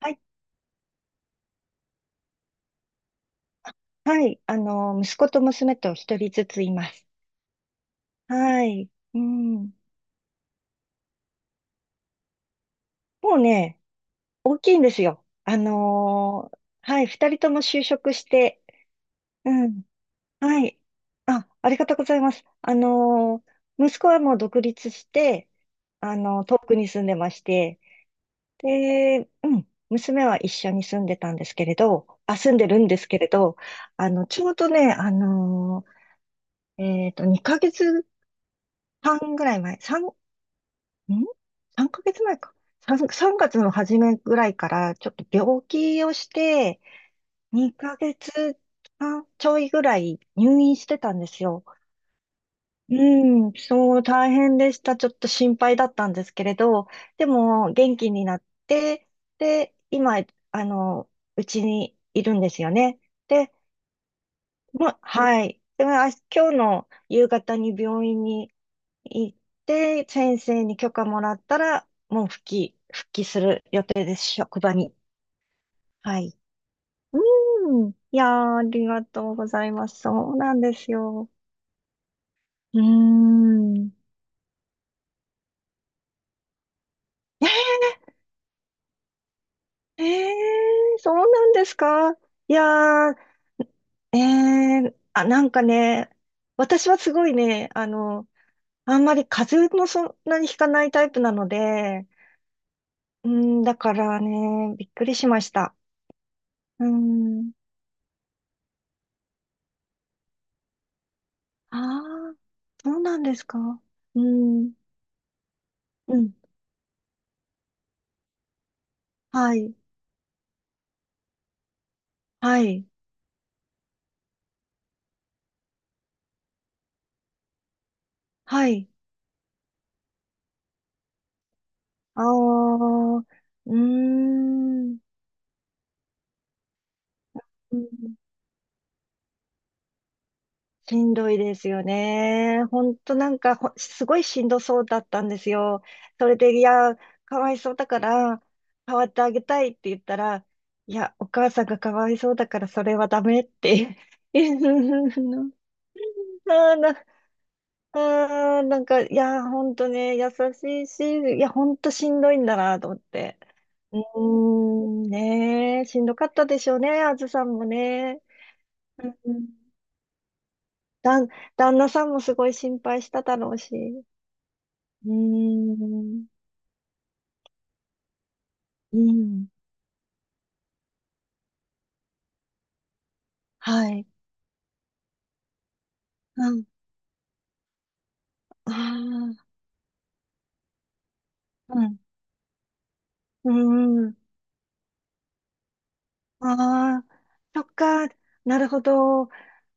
はい、はい、息子と娘と一人ずついます。はい、うん。もうね、大きいんですよ。はい、二人とも就職して、うん、はい。あ、ありがとうございます。息子はもう独立して、遠くに住んでまして、で、うん、娘は一緒に住んでたんですけれど、あ、住んでるんですけれど、ちょうどね、2ヶ月半ぐらい前、3、ん ?3 ヶ月前か。3、月の初めぐらいから、ちょっと病気をして、2ヶ月ちょいぐらい入院してたんですよ。うん、そう、大変でした。ちょっと心配だったんですけれど、でも、元気になって、で、今、あの、うちにいるんですよね。で、もう、はい。でも、あ、今日の夕方に病院に行って、先生に許可もらったら、もう復帰する予定です、職場に。はい。うん。いやー、ありがとうございます。そうなんですよ。うーん。えー、そうなんですか。いやー、なんかね、私はすごいね、あんまり風邪もそんなにひかないタイプなので、うん、だからね、びっくりしました。うん。ああ。そうなんですか。うん、うん、はい、はい、はい。ああ、うーん、うん。しんどいですよね。ほんとなんかすごいしんどそうだったんですよ。それで、いや、かわいそうだから、代わってあげたいって言ったら、いや、お母さんがかわいそうだから、それはダメって。うん。あーな、あーなんか、いや、ほんとね、優しいし、いや、ほんとしんどいんだなと思って。うーん、ねえ、しんどかったでしょうね、あずさんもね。うん、だん、旦那さんもすごい心配しただろうし。うーん、うん、はい。うん、ああ、うん、うん、ああ、そっか、なるほど。う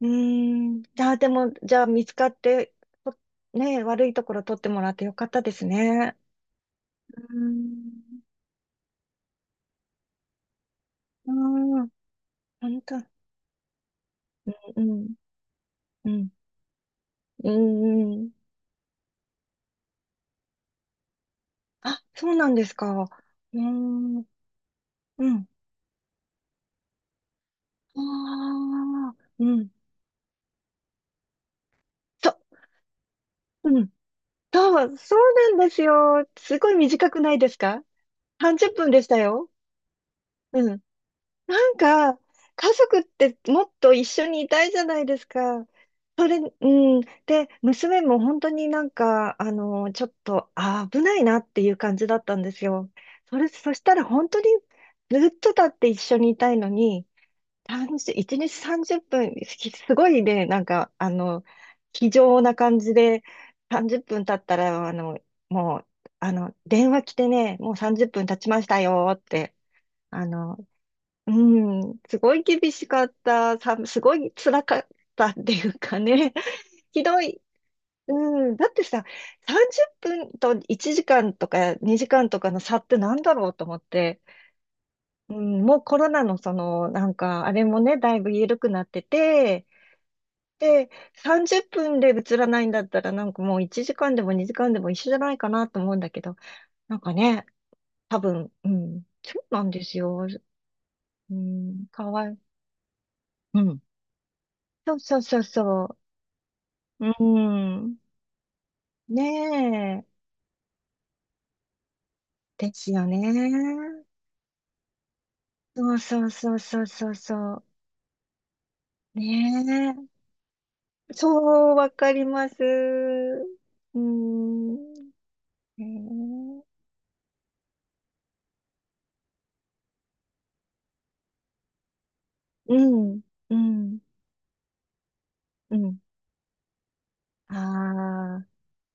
ーん、じゃあでも、じゃあ見つかって、とねえ、悪いところ取ってもらってよかったですね。うーん、うん、本当、うん、うん、うん、うん。あ、そうなんですか。うーん、うん。ああ、うん。そ、うん。そう、そうなんですよ。すごい短くないですか？ 30 分でしたよ。うん。なんか、家族ってもっと一緒にいたいじゃないですか。それ、うん。で、娘も本当になんか、ちょっと、あー危ないなっていう感じだったんですよ。それ、そしたら本当にずっとだって一緒にいたいのに、30、1日30分、すごいね、なんか、気丈な感じで、30分経ったら、もう、電話来てね、もう30分経ちましたよって、あの、うん、すごい厳しかった、すごい辛かったっていうかね、ひどい。うん、だってさ、30分と1時間とか2時間とかの差ってなんだろうと思って、うん、もうコロナのその、なんか、あれもね、だいぶ緩くなってて、で、30分で映らないんだったら、なんかもう1時間でも2時間でも一緒じゃないかなと思うんだけど、なんかね、多分、うん、そうなんですよ。うん、かわいい。うん。そうそうそうそう。うん。ねえ。ですよね。そうそうそうそうそうそう。ねえ。そう、わかります。うん。ねえ、うん。うん。うん。ああ。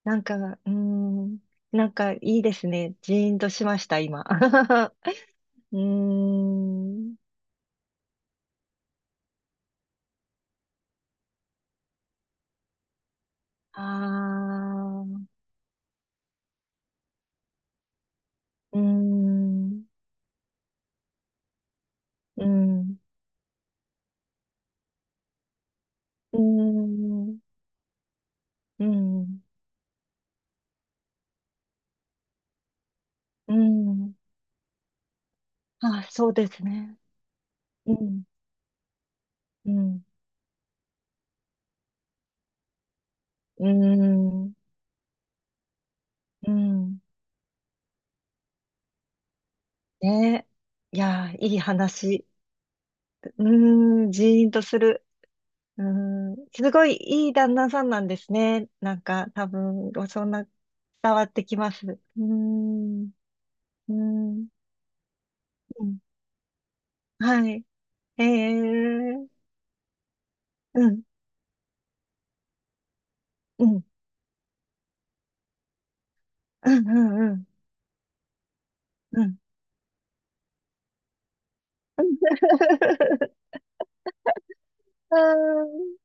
なんか、うーん、なんかいいですね。ジーンとしました、今。うーん、あー、うーん、うん、うーん、うん、うん、あ、そうですね。うん、うん、うん、うん、ね。いやー、いい話。うーん、ジーンとする。うーん、すごいいい旦那さんなんですね。なんか、多分、そんな伝わってきます。うーん、うーん、うん、はい。ええー、うん、うん、うん、うん、うん、うん。 あー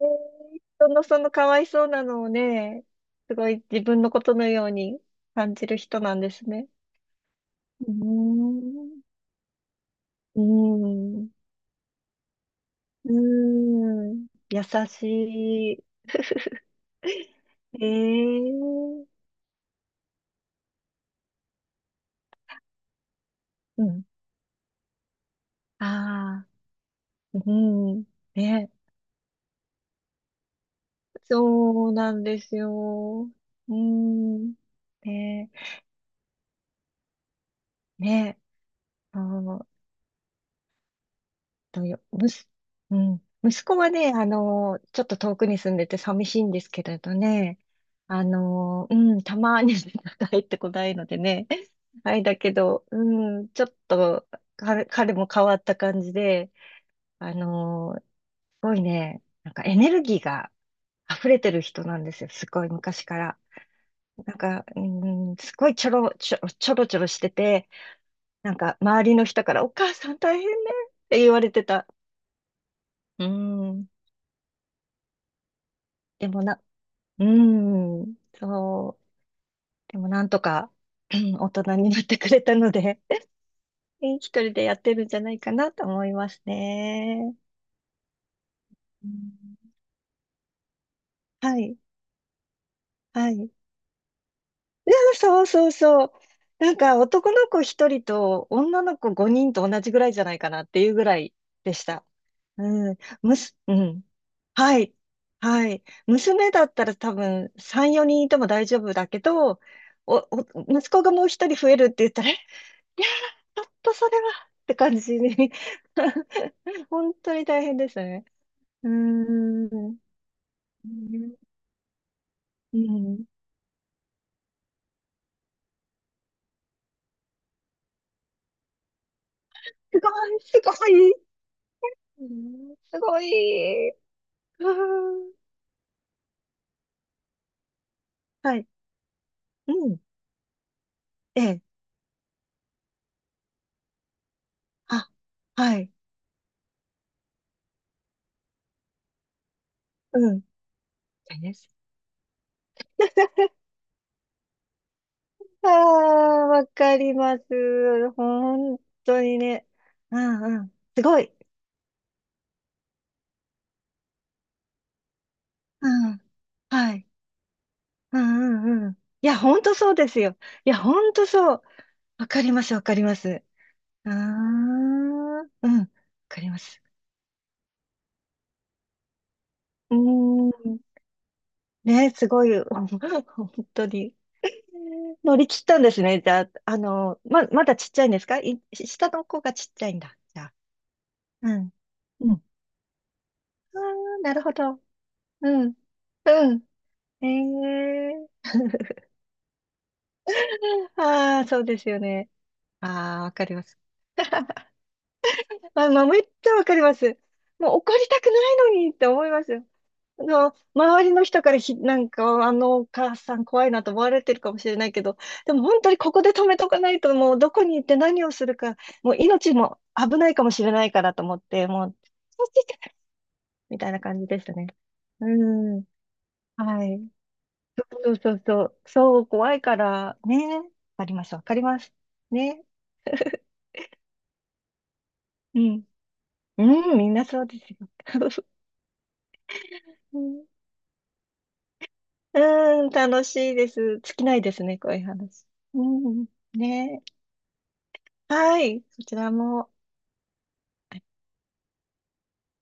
えー人のそのかわいそうなのをね、すごい自分のことのように感じる人なんですね。うーん、うーん、うーん、優しい。ええ、うん。ああ、うん。ね。そうなんですよ。うん。ね。ね。あの、どうよ、むす、うん。息子はね、ちょっと遠くに住んでて寂しいんですけれどね。うん、たまに 帰ってこないのでね。はい、だけど、うん、ちょっと、彼も変わった感じで、すごいね、なんかエネルギーが、溢れてる人なんですよ。すごい昔から。なんか、うーん、すごいちょろちょろしてて、なんか周りの人からお母さん大変ねって言われてた。うーん。でもな、うーん、そう。でもなんとか、うん、大人になってくれたので、一人でやってるんじゃないかなと思いますね。うん、はい、はい。そうそうそう。なんか男の子一人と女の子五人と同じぐらいじゃないかなっていうぐらいでした。うん。うん。はい。はい。娘だったら多分3、4人いても大丈夫だけど、息子がもう一人増えるって言ったら、いやー、ちょっとそれはって感じに 本当に大変ですね。うーん。うん。うん、すごい、すごい。うん、すごい。あー、はい。うん。ええ。あ、はい。うん。です。ああ、わかります。本当にね。うんうん。すごい。うん。はい。うんうんうん。いや、本当そうですよ。いや、本当そう。わかります、わかります。ああ、うん。わかります。うーん。ね、すごい。本当に。乗り切ったんですね。じゃあ、まだちっちゃいんですかい、下の子がちっちゃいんだ。じゃあ。うん。うん。ああ、なるほど。うん。うん。ええ。 ああ、そうですよね。ああ、わかります。まあ、まあ、めっちゃわかります。もう怒りたくないのにって思いますよ。周りの人からなんか、お母さん怖いなと思われてるかもしれないけど、でも本当にここで止めとかないと、もうどこに行って何をするか、もう命も危ないかもしれないからと思って、もう、そっち行けみたいな感じでしたね。うん。はい。そうそうそう。そう、怖いから、ね。わかります、わかります。ね。うん。うん、みんなそうですよ。うん。うん、楽しいです。尽きないですね、こういう話。うん、ね。はい、そちらも。